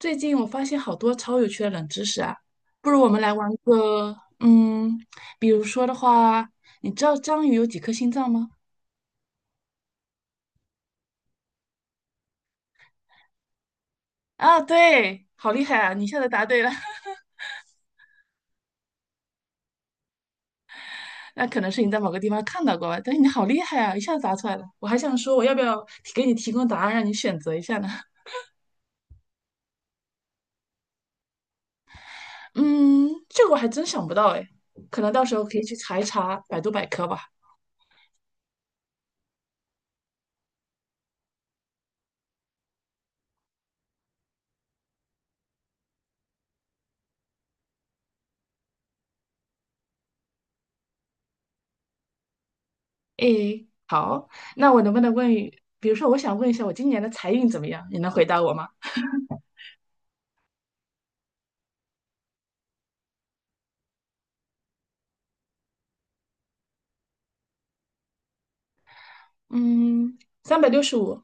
最近我发现好多超有趣的冷知识啊，不如我们来玩个，嗯，比如说的话，你知道章鱼有几颗心脏吗？啊，对，好厉害啊！你一下子答对了，那可能是你在某个地方看到过吧，但是你好厉害啊，一下子答出来了。我还想说，我要不要提给你提供答案，让你选择一下呢？嗯，这个我还真想不到哎，可能到时候可以去查一查百度百科吧。诶，好，那我能不能问，比如说我想问一下，我今年的财运怎么样？你能回答我吗？嗯，365，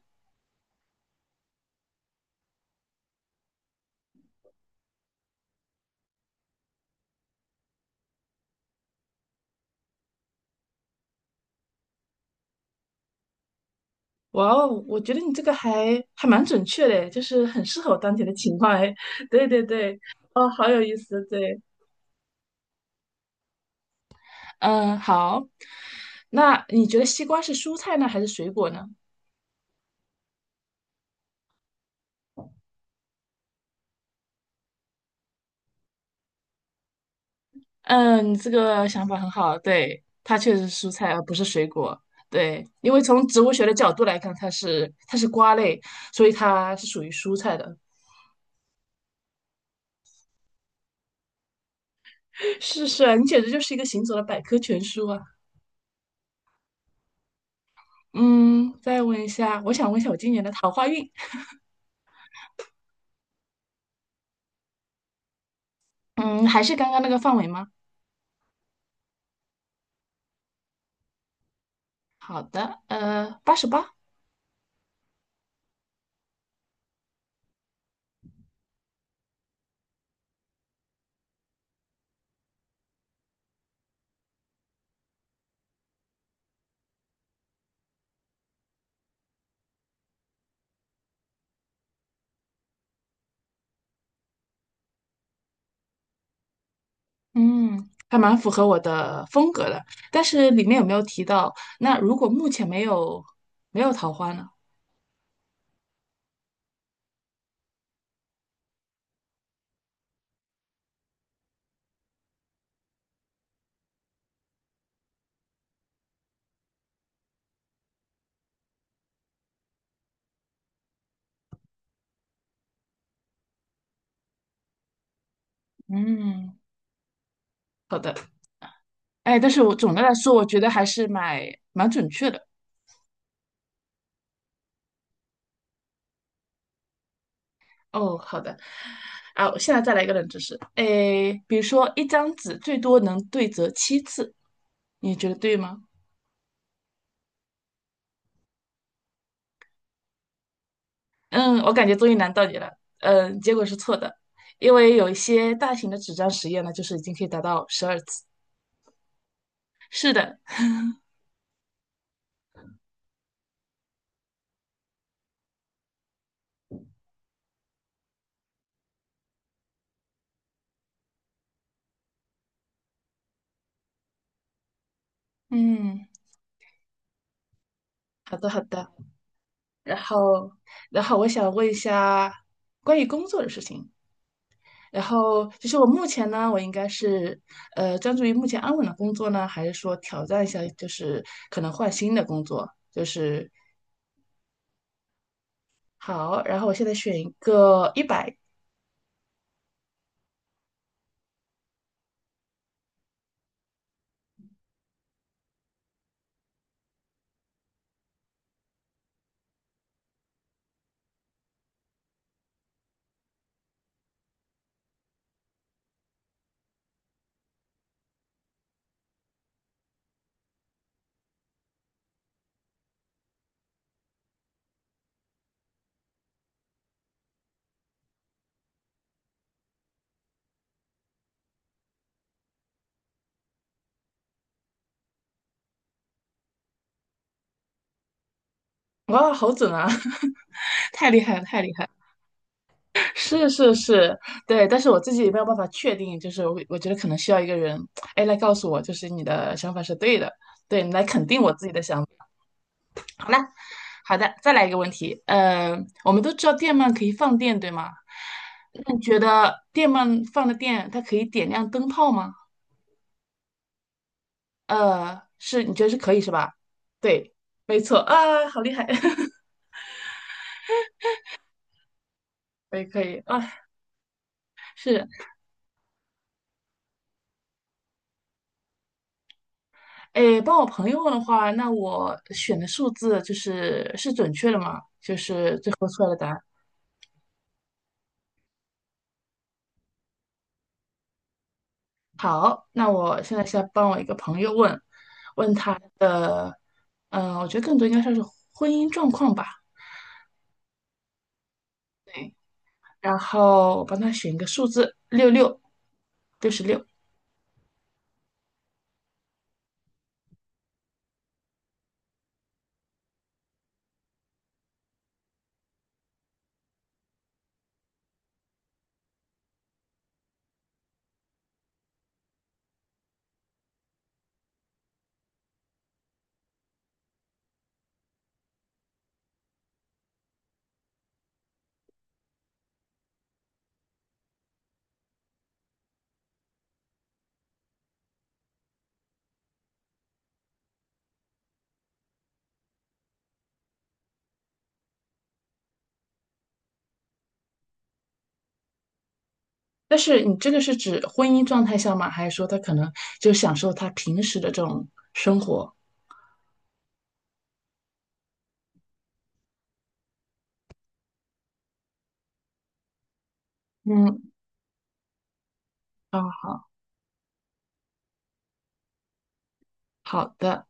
哇哦，我觉得你这个还蛮准确的，就是很适合我当前的情况哎。对对对，哦，好有意思，对，嗯，好。那你觉得西瓜是蔬菜呢，还是水果呢？嗯，你这个想法很好，对，它确实是蔬菜，而不是水果。对，因为从植物学的角度来看，它是瓜类，所以它是属于蔬菜的。是是啊你简直就是一个行走的百科全书啊！嗯，再问一下，我想问一下我今年的桃花运。嗯，还是刚刚那个范围吗？好的，88，嗯，还蛮符合我的风格的。但是里面有没有提到，那如果目前没有桃花呢？嗯，好的，哎，但是我总的来说，我觉得还是蛮准确的。哦，好的，啊，我现在再来一个冷知识，哎，比如说一张纸最多能对折7次，你觉得对吗？嗯，我感觉终于难到你了。嗯，结果是错的，因为有一些大型的纸张实验呢，就是已经可以达到12次。是的，嗯，好的，好的。然后，然后我想问一下关于工作的事情。然后，就是我目前呢，我应该是专注于目前安稳的工作呢，还是说挑战一下，就是可能换新的工作？就是好，然后我现在选一个一百，哇，好准啊！太厉害了，太厉害了是是是，对，但是我自己也没有办法确定，就是我觉得可能需要一个人，哎，来告诉我，就是你的想法是对的，对你来肯定我自己的想法。好了，好的，再来一个问题，我们都知道电鳗可以放电，对吗？那你觉得电鳗放的电，它可以点亮灯泡吗？呃，是，你觉得是可以是吧？对，没错啊，好厉害，可以可以啊，是。诶，帮我朋友问的话，那我选的数字就是是准确的嘛？就是最后出来的答案。好，那我现在是要帮我一个朋友问，问他的，嗯、我觉得更多应该算是婚姻状况吧。对，然后我帮他选一个数字，66。但是你这个是指婚姻状态下吗？还是说他可能就享受他平时的这种生活？嗯，啊，好，好的。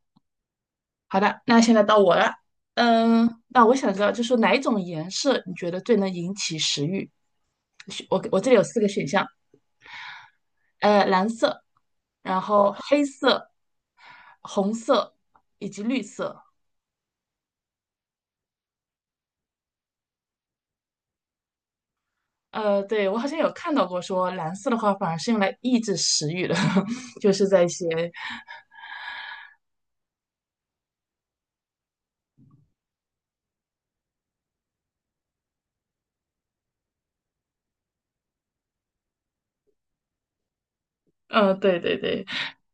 好的，那现在到我了。嗯，那我想知道，就是哪一种颜色你觉得最能引起食欲？我这里有四个选项，蓝色，然后黑色、红色以及绿色。对，我好像有看到过说蓝色的话反而是用来抑制食欲的，就是在一些，对对对，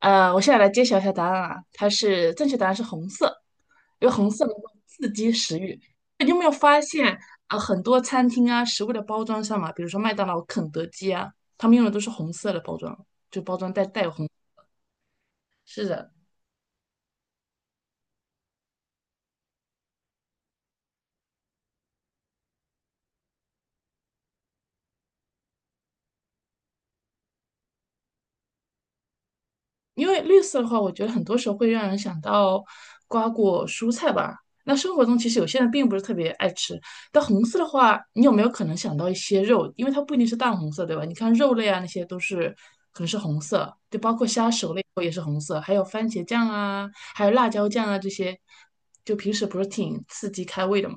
我现在来揭晓一下答案啊，正确答案是红色，因为红色能够刺激食欲。啊，很多餐厅啊，食物的包装上嘛，比如说麦当劳、肯德基啊，他们用的都是红色的包装，就包装袋带有红。是的，因为绿色的话，我觉得很多时候会让人想到瓜果蔬菜吧。那生活中其实有些人并不是特别爱吃，但红色的话，你有没有可能想到一些肉？因为它不一定是淡红色，对吧？你看肉类啊，那些都是可能是红色，就包括虾熟了以后也是红色，还有番茄酱啊，还有辣椒酱啊这些，就平时不是挺刺激开胃的嘛？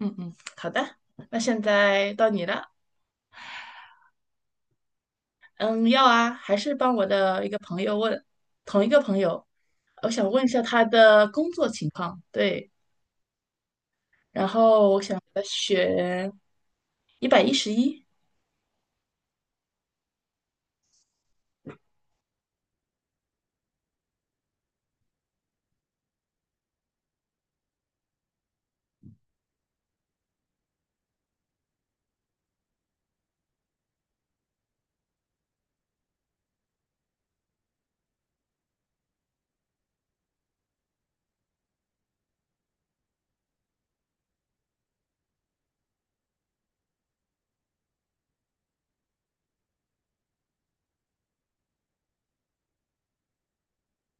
嗯嗯，好的，那现在到你了。嗯，要啊，还是帮我的一个朋友问，同一个朋友，我想问一下他的工作情况。对，然后我想给他选111。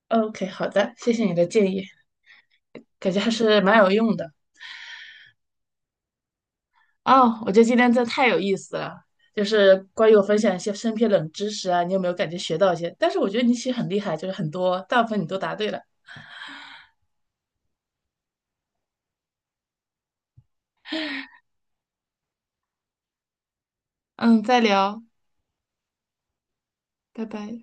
OK，好的，谢谢你的建议，感觉还是蛮有用的。哦，我觉得今天真的太有意思了，就是关于我分享一些身边冷知识啊，你有没有感觉学到一些？但是我觉得你其实很厉害，就是很多大部分你都答对了。嗯，再聊，拜拜。